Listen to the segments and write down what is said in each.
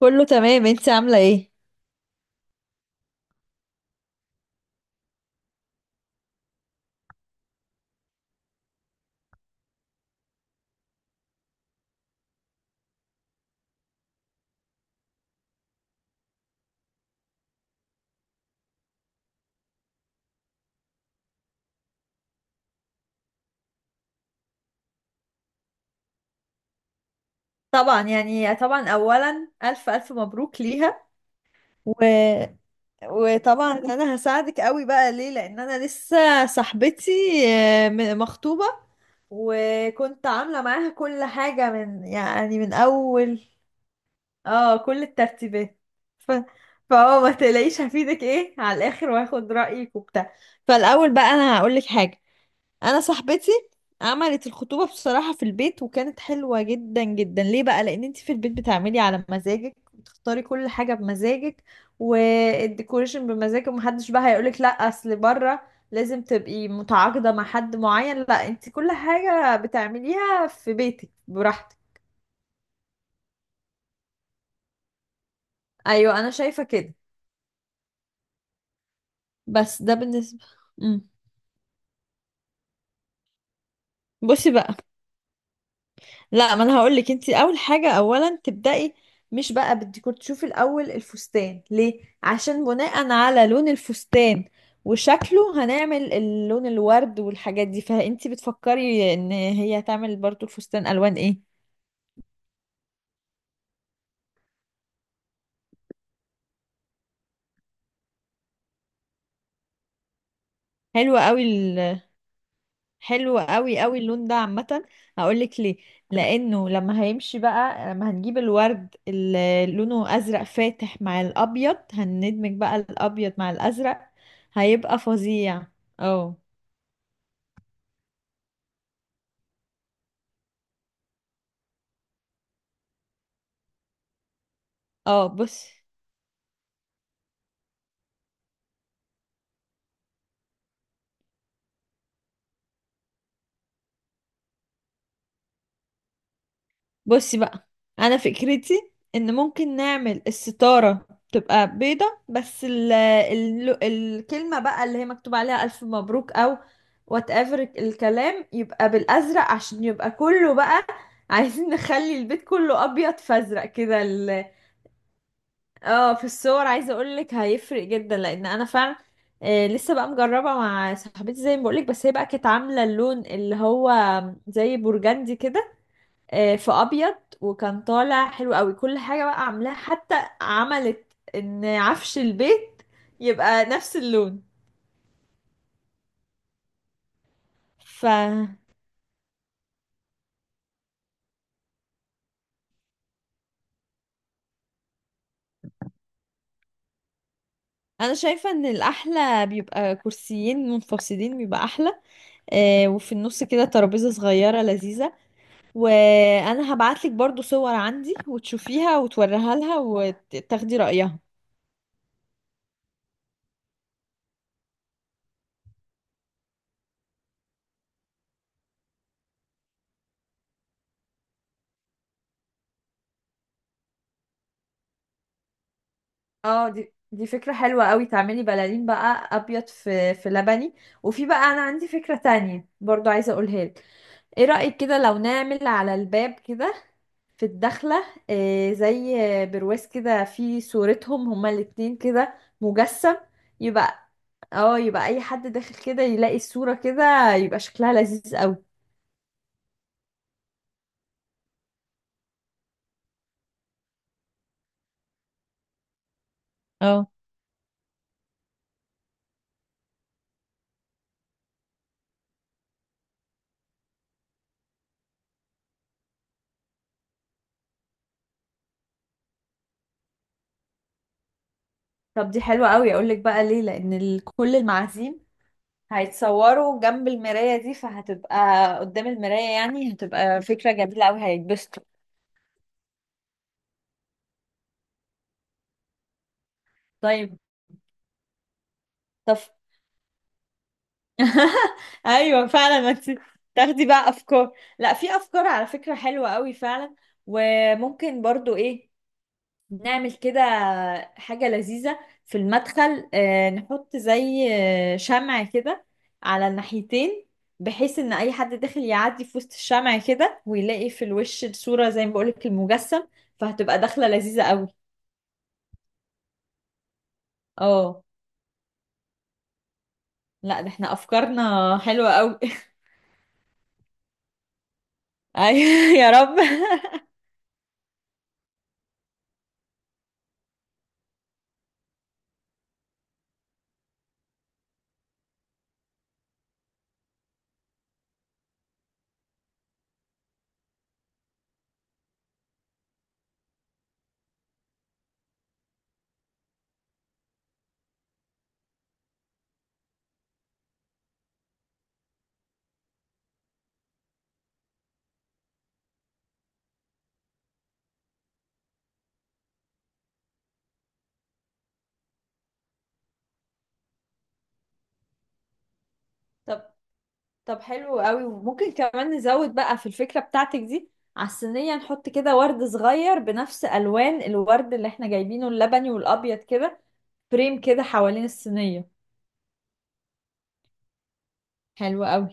كله تمام، انت عاملة ايه؟ طبعا يعني طبعا، اولا الف الف مبروك ليها. و... وطبعا انا هساعدك قوي بقى، ليه؟ لان انا لسه صاحبتي مخطوبة، وكنت عاملة معاها كل حاجة من اول، اه، كل الترتيبات. ف... فهو ما تقلقيش، هفيدك ايه على الاخر واخد رأيك وبتاع. فالاول بقى انا هقولك حاجة. انا صاحبتي عملت الخطوبة بصراحة في البيت، وكانت حلوة جدا جدا. ليه بقى؟ لان انت في البيت بتعملي على مزاجك، وتختاري كل حاجة بمزاجك، والديكوريشن بمزاجك. ومحدش بقى هيقولك لا، اصل بره لازم تبقي متعاقدة مع حد معين. لا، انت كل حاجة بتعمليها في بيتك براحتك. ايوه، انا شايفة كده. بس ده بالنسبة. مم. بصي بقى، لا ما انا هقول لك. انت اول حاجه اولا تبداي، مش بقى بالديكور، تشوفي الاول الفستان. ليه؟ عشان بناء على لون الفستان وشكله هنعمل اللون، الورد والحاجات دي. فانت بتفكري ان هي هتعمل برضو الفستان الوان ايه؟ حلوه قوي، حلو قوي قوي اللون ده عامة. هقولك ليه. لأنه لما هيمشي بقى، لما هنجيب الورد اللي لونه أزرق فاتح مع الأبيض، هندمج بقى الأبيض مع الأزرق، هيبقى فظيع. اه. اه، بص. بصي بقى، انا فكرتي ان ممكن نعمل الستارة تبقى بيضة، بس ال ال الكلمة بقى اللي هي مكتوب عليها الف مبروك، او وات ايفر الكلام يبقى بالازرق، عشان يبقى كله بقى عايزين نخلي البيت كله ابيض فازرق كده اه، في الصور عايزه اقول لك هيفرق جدا، لان انا فعلا لسه بقى مجربه مع صاحبتي زي ما بقولك، بس هي بقى كانت عامله اللون اللي هو زي برجندي كده، في ابيض، وكان طالع حلو قوي. كل حاجه بقى عاملاها، حتى عملت ان عفش البيت يبقى نفس اللون. فانا شايفه ان الاحلى بيبقى كرسيين منفصلين، بيبقى احلى، وفي النص كده ترابيزه صغيره لذيذه. وانا هبعتلك برضو صور عندي، وتشوفيها وتوريها لها وتاخدي رايها. اه، دي فكرة حلوة قوي، تعملي بلالين بقى، ابيض في لبني. وفي بقى انا عندي فكرة تانية برضو عايزة اقولها لك. ايه رأيك كده لو نعمل على الباب كده في الدخلة زي برواز كده في صورتهم هما الاتنين كده، مجسم. يبقى اه، يبقى اي حد داخل كده يلاقي الصورة كده، يبقى شكلها لذيذ قوي. اه. طب دي حلوة قوي، اقول لك بقى ليه. لان كل المعازيم هيتصوروا جنب المراية دي، فهتبقى قدام المراية، يعني هتبقى فكرة جميلة أوي، هيتبسطوا. طيب. طب. أيوة، فعلا ما انت تاخدي بقى أفكار. لا، في أفكار على فكرة حلوة أوي فعلا. وممكن برضو إيه، نعمل كده حاجة لذيذة في المدخل، نحط زي شمع كده على الناحيتين، بحيث ان اي حد داخل يعدي في وسط الشمع كده، ويلاقي في الوش الصورة زي ما بقولك المجسم. فهتبقى دخلة لذيذة قوي. اه، لا، ده احنا افكارنا حلوة قوي. ايوه يا رب. طب، طب حلو قوي. وممكن كمان نزود بقى في الفكرة بتاعتك دي، على الصينية نحط كده ورد صغير بنفس ألوان الورد اللي احنا جايبينه، اللبني والأبيض كده، فريم كده حوالين الصينية. حلو قوي.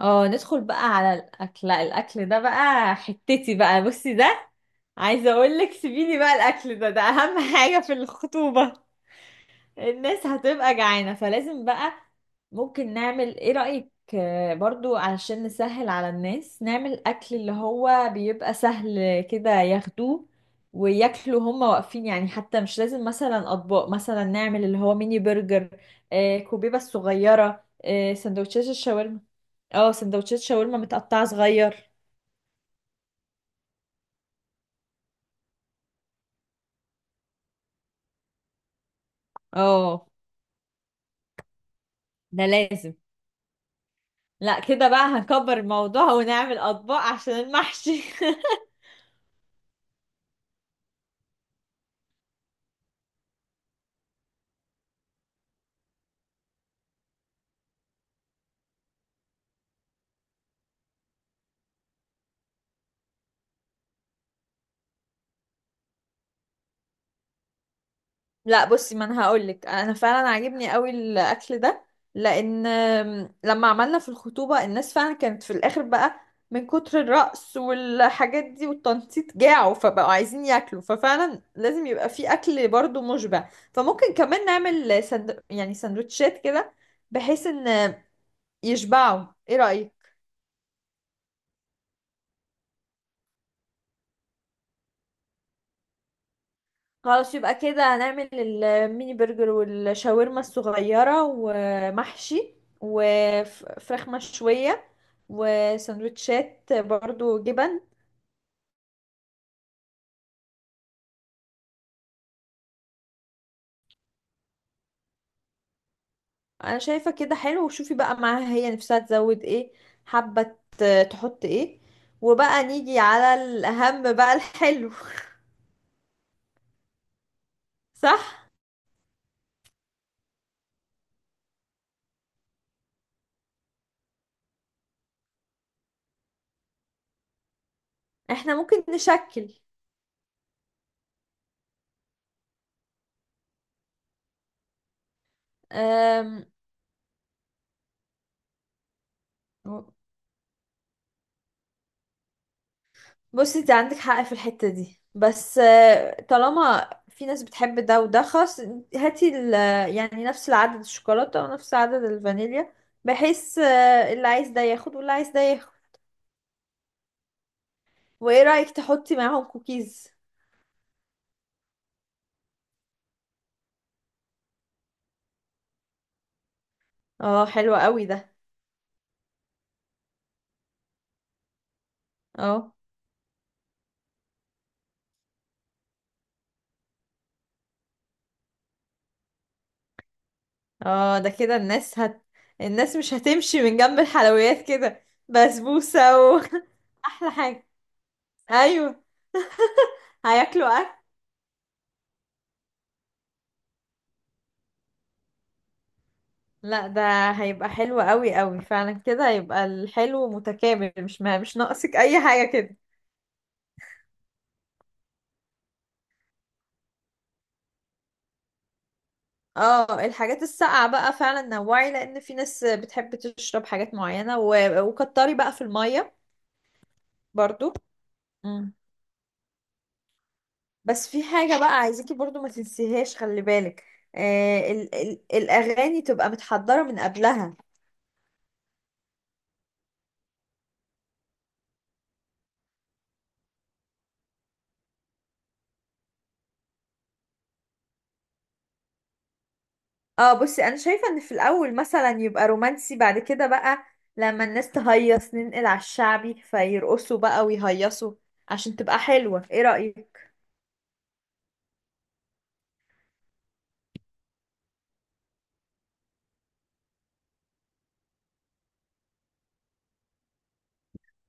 اه، ندخل بقى على الأكل. لا الأكل ده بقى حتتي بقى، بصي ده عايزة اقول لك، سيبيلي بقى الأكل ده، ده أهم حاجة في الخطوبة. الناس هتبقى جعانة، فلازم بقى ممكن نعمل، ايه رأيك برضو، علشان نسهل على الناس نعمل اكل اللي هو بيبقى سهل كده ياخدوه وياكلوا هما واقفين، يعني حتى مش لازم مثلا اطباق. مثلا نعمل اللي هو ميني برجر، كوبيبة الصغيرة، سندوتشات الشاورما. اه، سندوتشات شاورما متقطعة صغير. اه، ده لازم. لا كده بقى هنكبر الموضوع ونعمل اطباق عشان المحشي. لا، بصي، ما انا هقولك، انا فعلا عاجبني قوي الاكل ده. لان لما عملنا في الخطوبه الناس فعلا كانت في الاخر بقى من كتر الرقص والحاجات دي والتنطيط جاعوا، فبقوا عايزين ياكلوا. ففعلا لازم يبقى في اكل برضو مشبع. فممكن كمان نعمل سندوتشات كده بحيث ان يشبعوا، ايه رايك؟ خلاص، يبقى كده هنعمل الميني برجر والشاورما الصغيرة ومحشي وفراخ مشوية وسندوتشات برضو جبن. انا شايفة كده حلو. وشوفي بقى معاها هي نفسها تزود ايه، حابة تحط ايه. وبقى نيجي على الأهم بقى، الحلو. صح. احنا ممكن نشكل. أم... بصي، انت عندك حق في الحتة دي، بس طالما في ناس بتحب ده وده، خلاص، هاتي يعني نفس العدد الشوكولاتة ونفس عدد الفانيليا، بحيث اللي عايز ده ياخد واللي عايز ده ياخد. وايه رأيك تحطي معاهم كوكيز؟ اه حلو قوي ده. اه، اه، ده كده الناس الناس مش هتمشي من جنب الحلويات كده، بسبوسة احلى حاجة. ايوه. هياكلوا. لا، ده هيبقى حلو قوي قوي فعلا. كده هيبقى الحلو متكامل، مش ما مش ناقصك اي حاجة كده. اه، الحاجات الساقعة بقى فعلا نوعي، لان في ناس بتحب تشرب حاجات معينة وكتري بقى في المية برضو. مم. بس في حاجة بقى عايزاكي برضو ما تنسيهاش، خلي بالك، آه الاغاني تبقى متحضرة من قبلها. اه، بصي، انا شايفه ان في الاول مثلا يبقى رومانسي، بعد كده بقى لما الناس تهيص ننقل على الشعبي، فيرقصوا بقى ويهيصوا، عشان تبقى حلوه، ايه رايك؟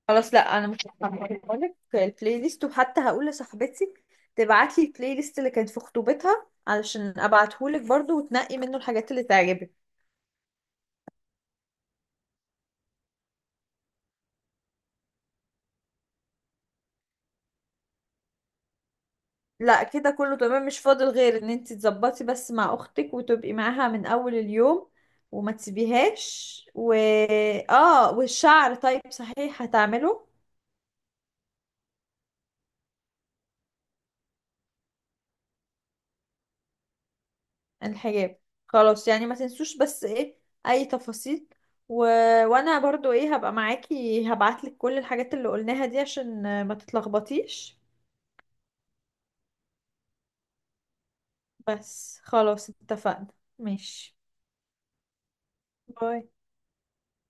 خلاص، لا، انا مش هقولك البلاي ليست، وحتى هقول لصاحبتي تبعت لي البلاي ليست اللي كانت في خطوبتها علشان ابعتهولك برضو، وتنقي منه الحاجات اللي تعجبك. لا كده كله تمام، مش فاضل غير ان انت تظبطي بس مع اختك، وتبقي معاها من اول اليوم، وما تسيبيهاش. و اه، والشعر طيب صحيح هتعمله. الحجاب. خلاص، يعني ما تنسوش بس ايه، اي تفاصيل. و... وانا برضو ايه، هبقى معاكي، هبعتلك كل الحاجات اللي قلناها دي عشان ما تتلخبطيش. بس خلاص، اتفقنا. ماشي، باي.